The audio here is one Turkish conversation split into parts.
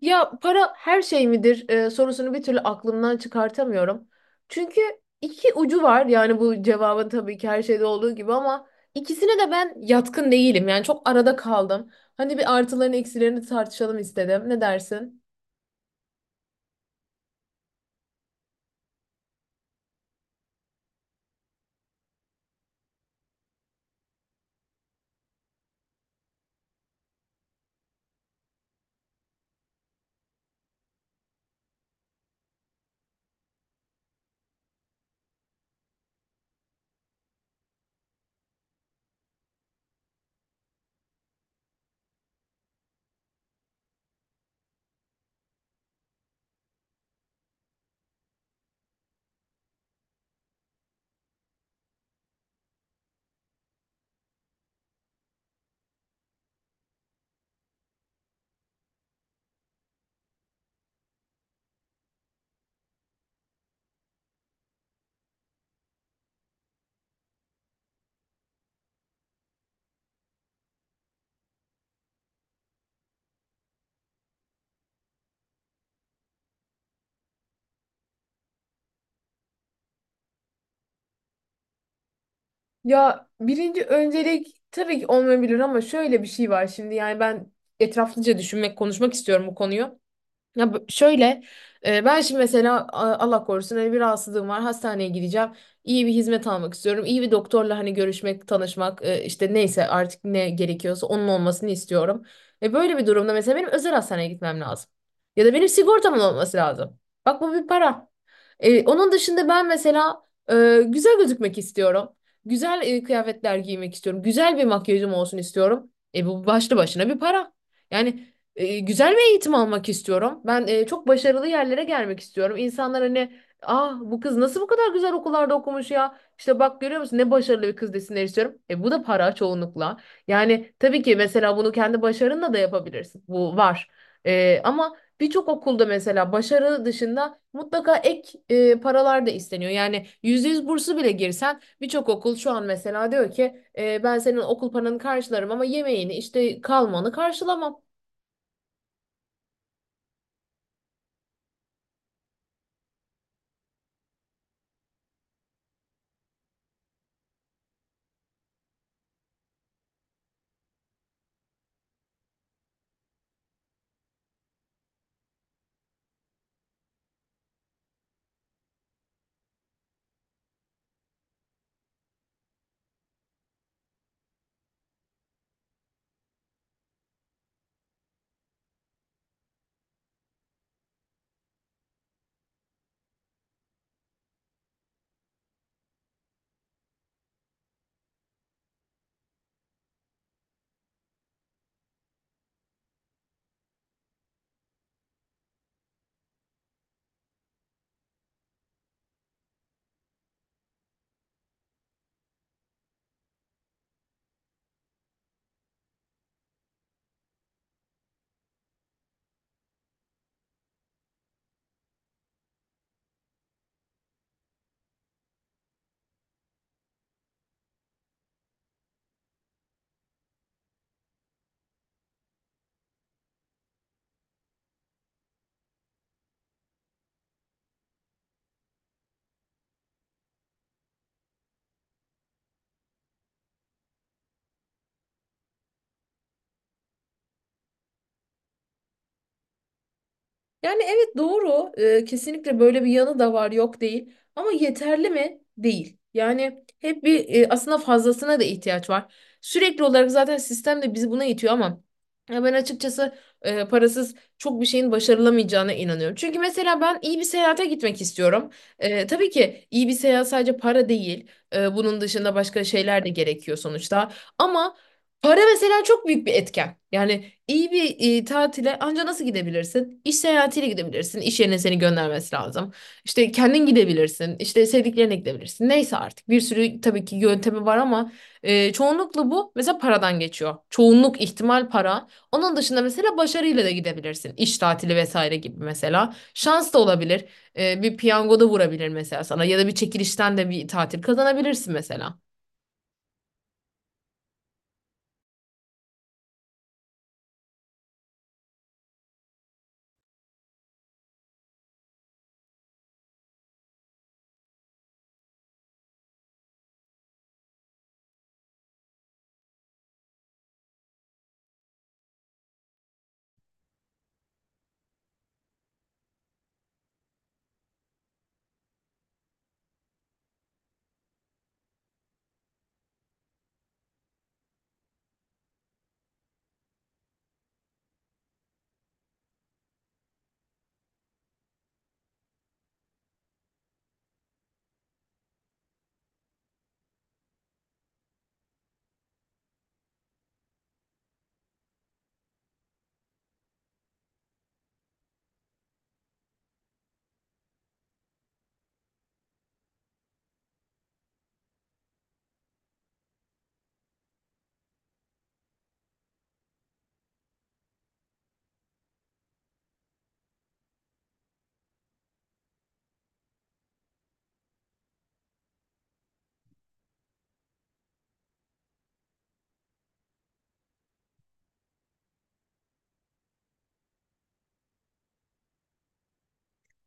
Ya para her şey midir sorusunu bir türlü aklımdan çıkartamıyorum. Çünkü iki ucu var yani bu cevabın tabii ki her şeyde olduğu gibi ama ikisine de ben yatkın değilim. Yani çok arada kaldım. Hani bir artılarını eksilerini tartışalım istedim. Ne dersin? Ya birinci öncelik tabii ki olmayabilir ama şöyle bir şey var şimdi yani ben etraflıca düşünmek, konuşmak istiyorum bu konuyu. Ya b- şöyle Ben şimdi mesela, Allah korusun, hani bir rahatsızlığım var, hastaneye gideceğim. İyi bir hizmet almak istiyorum. İyi bir doktorla hani görüşmek, tanışmak, işte neyse artık ne gerekiyorsa onun olmasını istiyorum. E böyle bir durumda mesela benim özel hastaneye gitmem lazım. Ya da benim sigortamın olması lazım. Bak, bu bir para. Onun dışında ben mesela güzel gözükmek istiyorum. Güzel kıyafetler giymek istiyorum. Güzel bir makyajım olsun istiyorum. E bu başlı başına bir para. Yani güzel bir eğitim almak istiyorum. Ben çok başarılı yerlere gelmek istiyorum. İnsanlar hani ah bu kız nasıl bu kadar güzel okullarda okumuş ya? İşte bak görüyor musun ne başarılı bir kız desinler istiyorum. E bu da para çoğunlukla. Yani tabii ki mesela bunu kendi başarınla da yapabilirsin. Bu var. E, ama birçok okulda mesela başarı dışında mutlaka ek paralar da isteniyor. Yani %100 bursu bile girsen birçok okul şu an mesela diyor ki ben senin okul paranı karşılarım ama yemeğini işte kalmanı karşılamam. Yani evet doğru. Kesinlikle böyle bir yanı da var, yok değil. Ama yeterli mi? Değil. Yani hep bir aslında fazlasına da ihtiyaç var. Sürekli olarak zaten sistem de bizi buna itiyor ama ya ben açıkçası parasız çok bir şeyin başarılamayacağına inanıyorum. Çünkü mesela ben iyi bir seyahate gitmek istiyorum. E, tabii ki iyi bir seyahat sadece para değil. E, bunun dışında başka şeyler de gerekiyor sonuçta. Ama para mesela çok büyük bir etken. Yani İyi bir tatile anca nasıl gidebilirsin? İş seyahatiyle gidebilirsin. İş yerine seni göndermesi lazım. İşte kendin gidebilirsin. İşte sevdiklerine gidebilirsin. Neyse artık bir sürü tabii ki yöntemi var ama çoğunlukla bu mesela paradan geçiyor. Çoğunluk ihtimal para. Onun dışında mesela başarıyla da gidebilirsin. İş tatili vesaire gibi mesela. Şans da olabilir. E, bir piyango da vurabilir mesela sana ya da bir çekilişten de bir tatil kazanabilirsin mesela.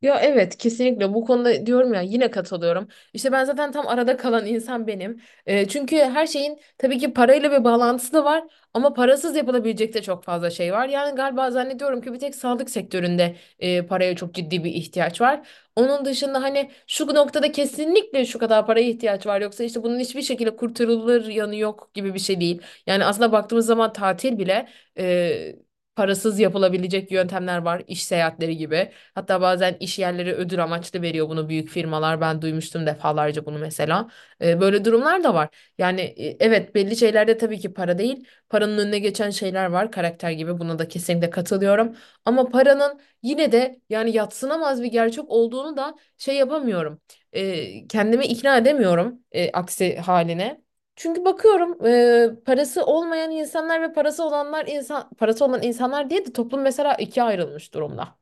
Ya evet, kesinlikle bu konuda diyorum ya, yine katılıyorum. İşte ben zaten tam arada kalan insan benim. E, çünkü her şeyin tabii ki parayla bir bağlantısı da var ama parasız yapılabilecek de çok fazla şey var. Yani galiba zannediyorum ki bir tek sağlık sektöründe paraya çok ciddi bir ihtiyaç var. Onun dışında hani şu noktada kesinlikle şu kadar paraya ihtiyaç var, yoksa işte bunun hiçbir şekilde kurtarılır yanı yok gibi bir şey değil. Yani aslında baktığımız zaman tatil bile e, parasız yapılabilecek yöntemler var, iş seyahatleri gibi. Hatta bazen iş yerleri ödül amaçlı veriyor bunu, büyük firmalar. Ben duymuştum defalarca bunu mesela. E, böyle durumlar da var. Yani evet belli şeylerde tabii ki para değil. Paranın önüne geçen şeyler var, karakter gibi. Buna da kesinlikle katılıyorum. Ama paranın yine de yani yadsınamaz bir gerçek olduğunu da şey yapamıyorum. E, kendimi ikna edemiyorum aksi haline. Çünkü bakıyorum parası olmayan insanlar ve parası olanlar insan parası olan insanlar diye de toplum mesela ikiye ayrılmış durumda.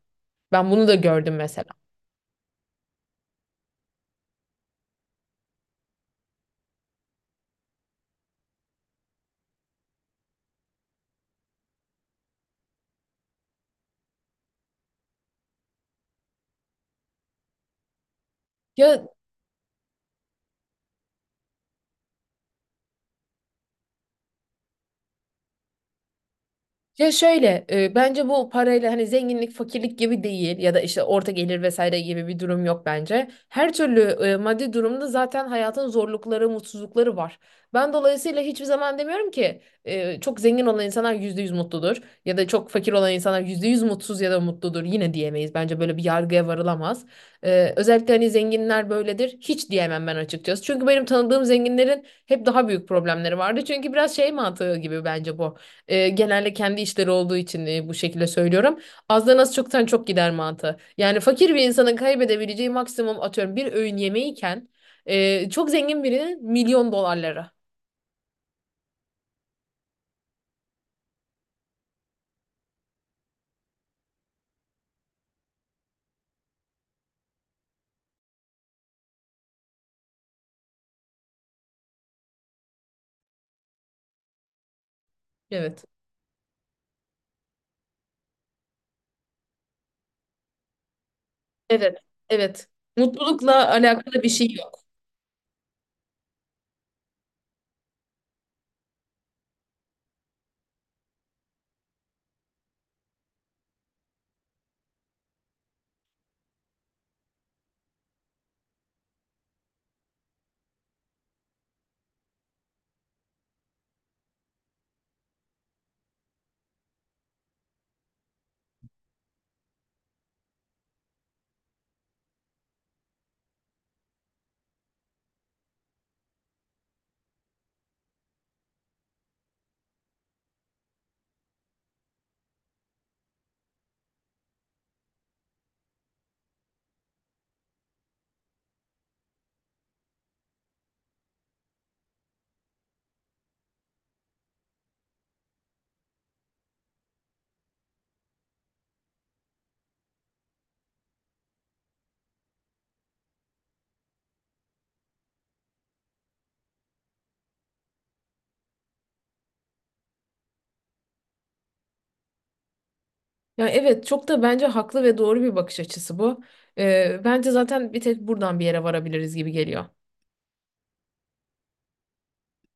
Ben bunu da gördüm mesela. Ya şöyle, bence bu parayla hani zenginlik fakirlik gibi değil ya da işte orta gelir vesaire gibi bir durum yok bence. Her türlü maddi durumda zaten hayatın zorlukları, mutsuzlukları var. Ben dolayısıyla hiçbir zaman demiyorum ki çok zengin olan insanlar %100 mutludur ya da çok fakir olan insanlar %100 mutsuz ya da mutludur, yine diyemeyiz. Bence böyle bir yargıya varılamaz. E, özellikle hani zenginler böyledir hiç diyemem ben açıkçası. Çünkü benim tanıdığım zenginlerin hep daha büyük problemleri vardı. Çünkü biraz şey mantığı gibi bence bu. E, genelde kendi işleri olduğu için bu şekilde söylüyorum. Azdan az, çoktan çok gider mantığı. Yani fakir bir insanın kaybedebileceği maksimum atıyorum bir öğün yemeğiyken çok zengin birinin milyon dolarları. Evet. Evet. Evet. Mutlulukla alakalı bir şey yok. Ya evet çok da bence haklı ve doğru bir bakış açısı bu. Bence zaten bir tek buradan bir yere varabiliriz gibi geliyor.